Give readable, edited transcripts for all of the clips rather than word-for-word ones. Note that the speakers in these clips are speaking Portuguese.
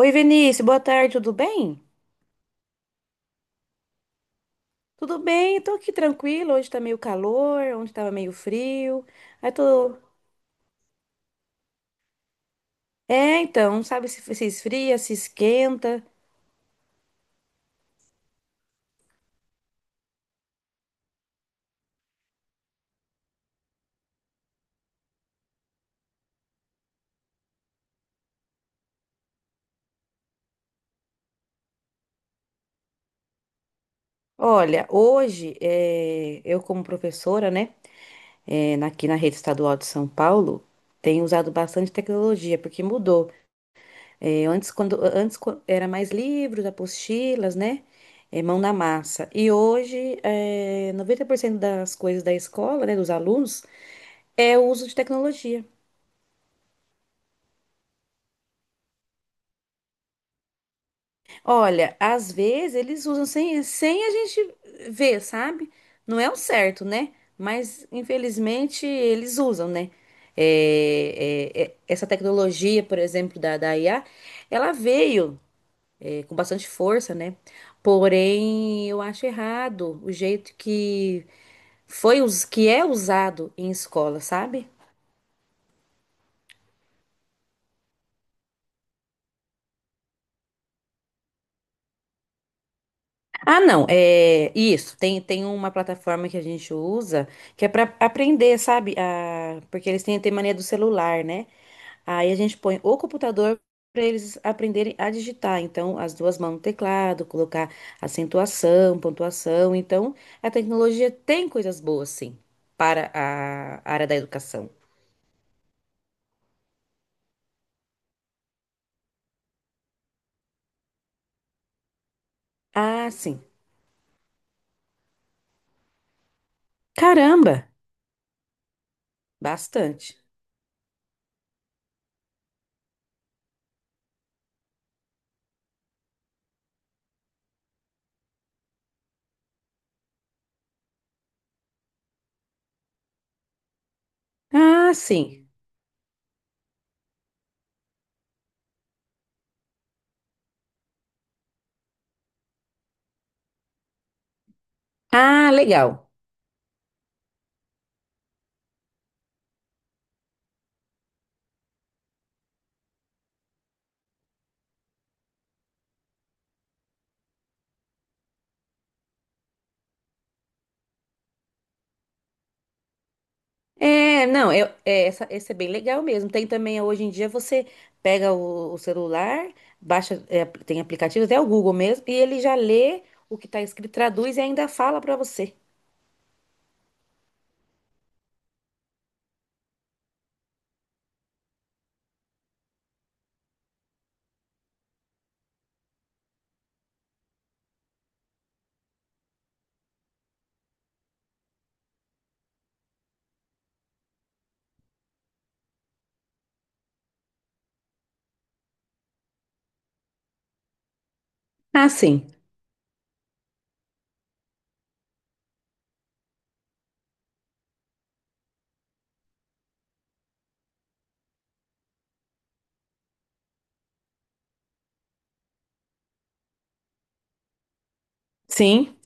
Oi, Vinícius, boa tarde, tudo bem? Tudo bem, tô aqui tranquilo. Hoje tá meio calor, ontem tava meio frio. Aí tô. É, então, sabe se esfria, se esquenta. Olha, hoje eu, como professora, né, aqui na rede estadual de São Paulo, tenho usado bastante tecnologia, porque mudou. É, antes, era mais livros, apostilas, né? É, mão na massa. E hoje, é, 90% das coisas da escola, né, dos alunos, é o uso de tecnologia. Olha, às vezes eles usam sem a gente ver, sabe? Não é o certo, né? Mas, infelizmente, eles usam, né? Essa tecnologia, por exemplo, da IA, ela veio, com bastante força, né? Porém, eu acho errado o jeito que que é usado em escola, sabe? Ah, não, é isso. Tem uma plataforma que a gente usa que é para aprender, sabe? Ah, porque eles têm mania do celular, né? Aí a gente põe o computador para eles aprenderem a digitar. Então, as duas mãos no teclado, colocar acentuação, pontuação. Então, a tecnologia tem coisas boas, sim, para a área da educação. Ah, sim. Caramba, bastante. Ah, sim. Ah, legal. É, não, eu, é, essa, esse é bem legal mesmo. Tem também, hoje em dia, você pega o celular, baixa, é, tem aplicativos, até o Google mesmo, e ele já lê o que está escrito, traduz e ainda fala para você. Ah, sim. Sim.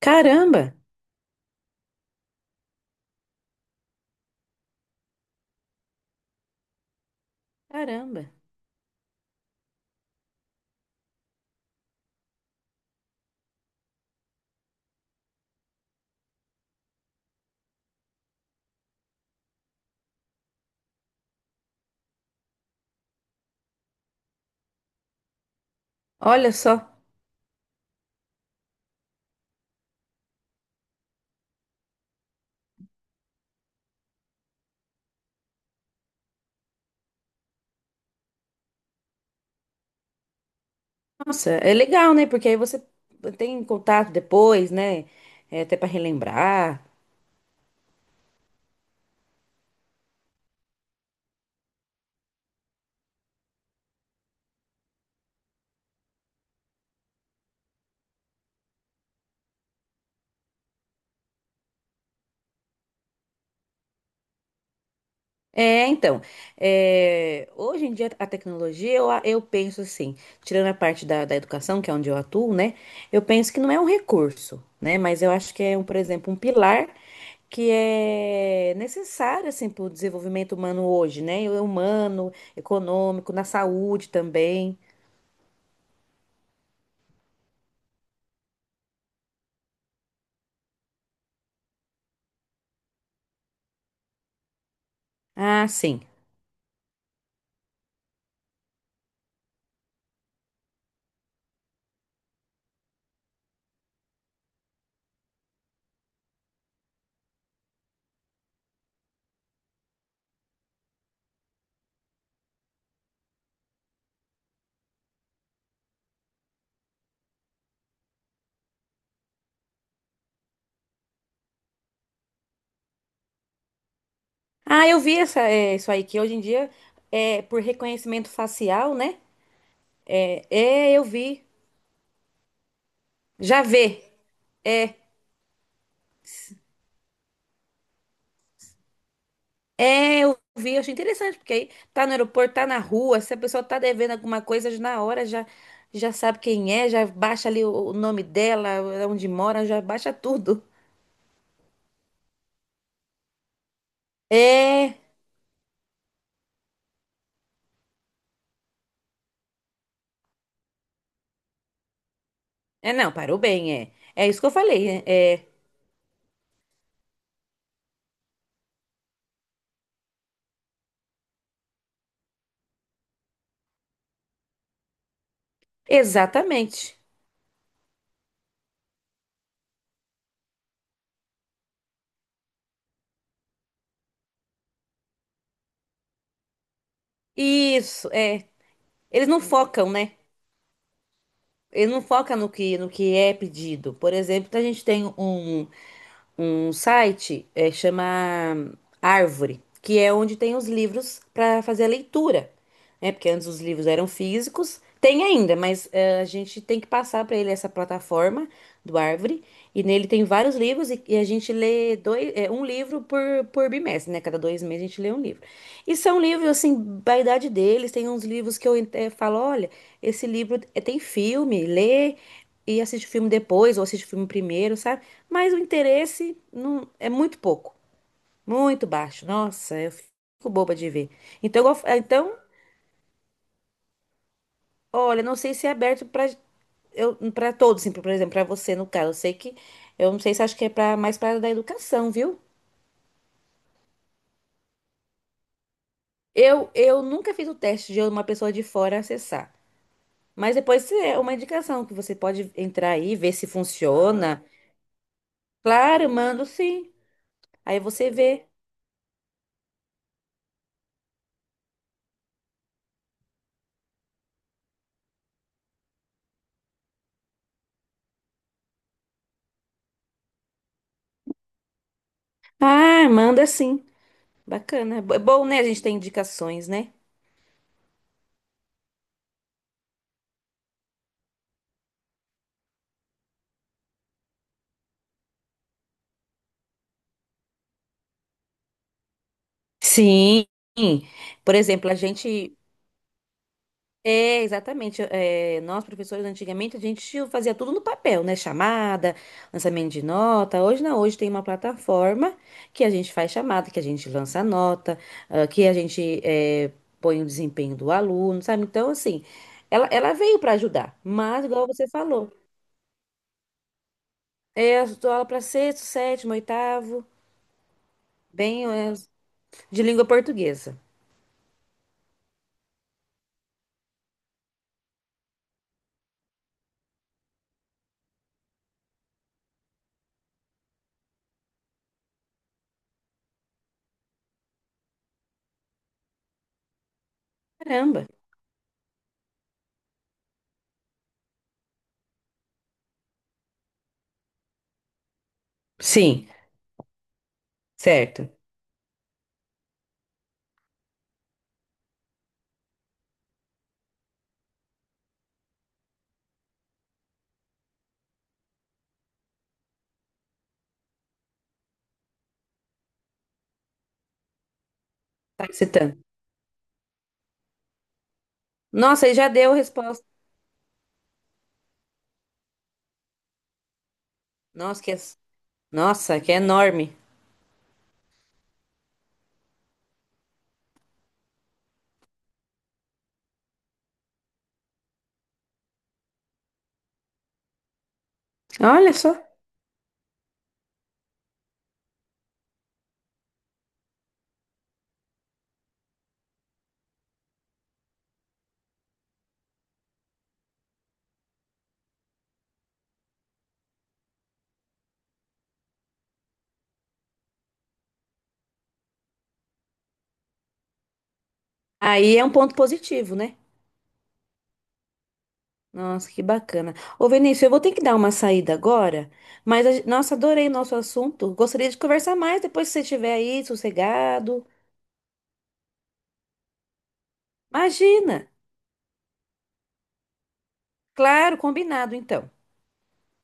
Caramba, caramba. Olha só. Nossa, é legal, né? Porque aí você tem contato depois, né? É, até para relembrar. É, então, é, hoje em dia a tecnologia, eu penso assim, tirando a parte da educação, que é onde eu atuo, né? Eu penso que não é um recurso, né? Mas eu acho que é, um, por exemplo, um pilar que é necessário, assim, para o desenvolvimento humano hoje, né? É humano, econômico, na saúde também. Ah, sim. Ah, eu vi essa, é, isso aí, que hoje em dia, é, por reconhecimento facial, né? É, é, eu vi. Já vê. É. É, eu vi, eu achei interessante, porque aí tá no aeroporto, tá na rua, se a pessoa tá devendo alguma coisa, já na hora já, já sabe quem é, já baixa ali o nome dela, é onde mora, já baixa tudo. É, é não, parou bem, é. É isso que eu falei, né? É, exatamente. Isso, é. Eles não focam, né? Eles não focam no que, no que é pedido. Por exemplo, a gente tem um site, é, chama Árvore, que é onde tem os livros para fazer a leitura, né? Porque antes os livros eram físicos, tem ainda, mas é, a gente tem que passar para ele essa plataforma do Árvore, e nele tem vários livros, e a gente lê dois, é, um livro por bimestre, né? Cada dois meses a gente lê um livro. E são livros, assim, da idade deles, tem uns livros que eu falo, olha, esse livro tem filme, lê e assiste o filme depois, ou assiste o filme primeiro, sabe? Mas o interesse não é muito pouco, muito baixo. Nossa, eu fico boba de ver. Então, olha, não sei se é aberto para eu para todos, assim, por exemplo, para você no caso. Eu sei que eu não sei se acho que é para mais para da educação, viu? Eu nunca fiz o teste de uma pessoa de fora acessar. Mas depois é uma indicação que você pode entrar aí, ver se funciona. Claro, mando sim. Aí você vê. Ah, manda sim. Bacana. É bom, né? A gente tem indicações, né? Sim, por exemplo, a gente. É, exatamente. É, nós, professores, antigamente, a gente fazia tudo no papel, né? Chamada, lançamento de nota. Hoje não, hoje tem uma plataforma que a gente faz chamada, que a gente lança a nota, ah, que a gente é, põe o desempenho do aluno, sabe? Então, assim, ela veio para ajudar, mas, igual você falou, é, eu dou aula para sexto, sétimo, oitavo, bem, é, de língua portuguesa. Caramba. Sim, certo. Tá citando. Nossa, aí já deu a resposta. Nossa, que é, nossa, que é enorme. Olha só. Aí é um ponto positivo, né? Nossa, que bacana. Ô, Vinícius, eu vou ter que dar uma saída agora, mas, nossa, adorei o nosso assunto. Gostaria de conversar mais depois que você estiver aí, sossegado. Imagina! Claro, combinado, então.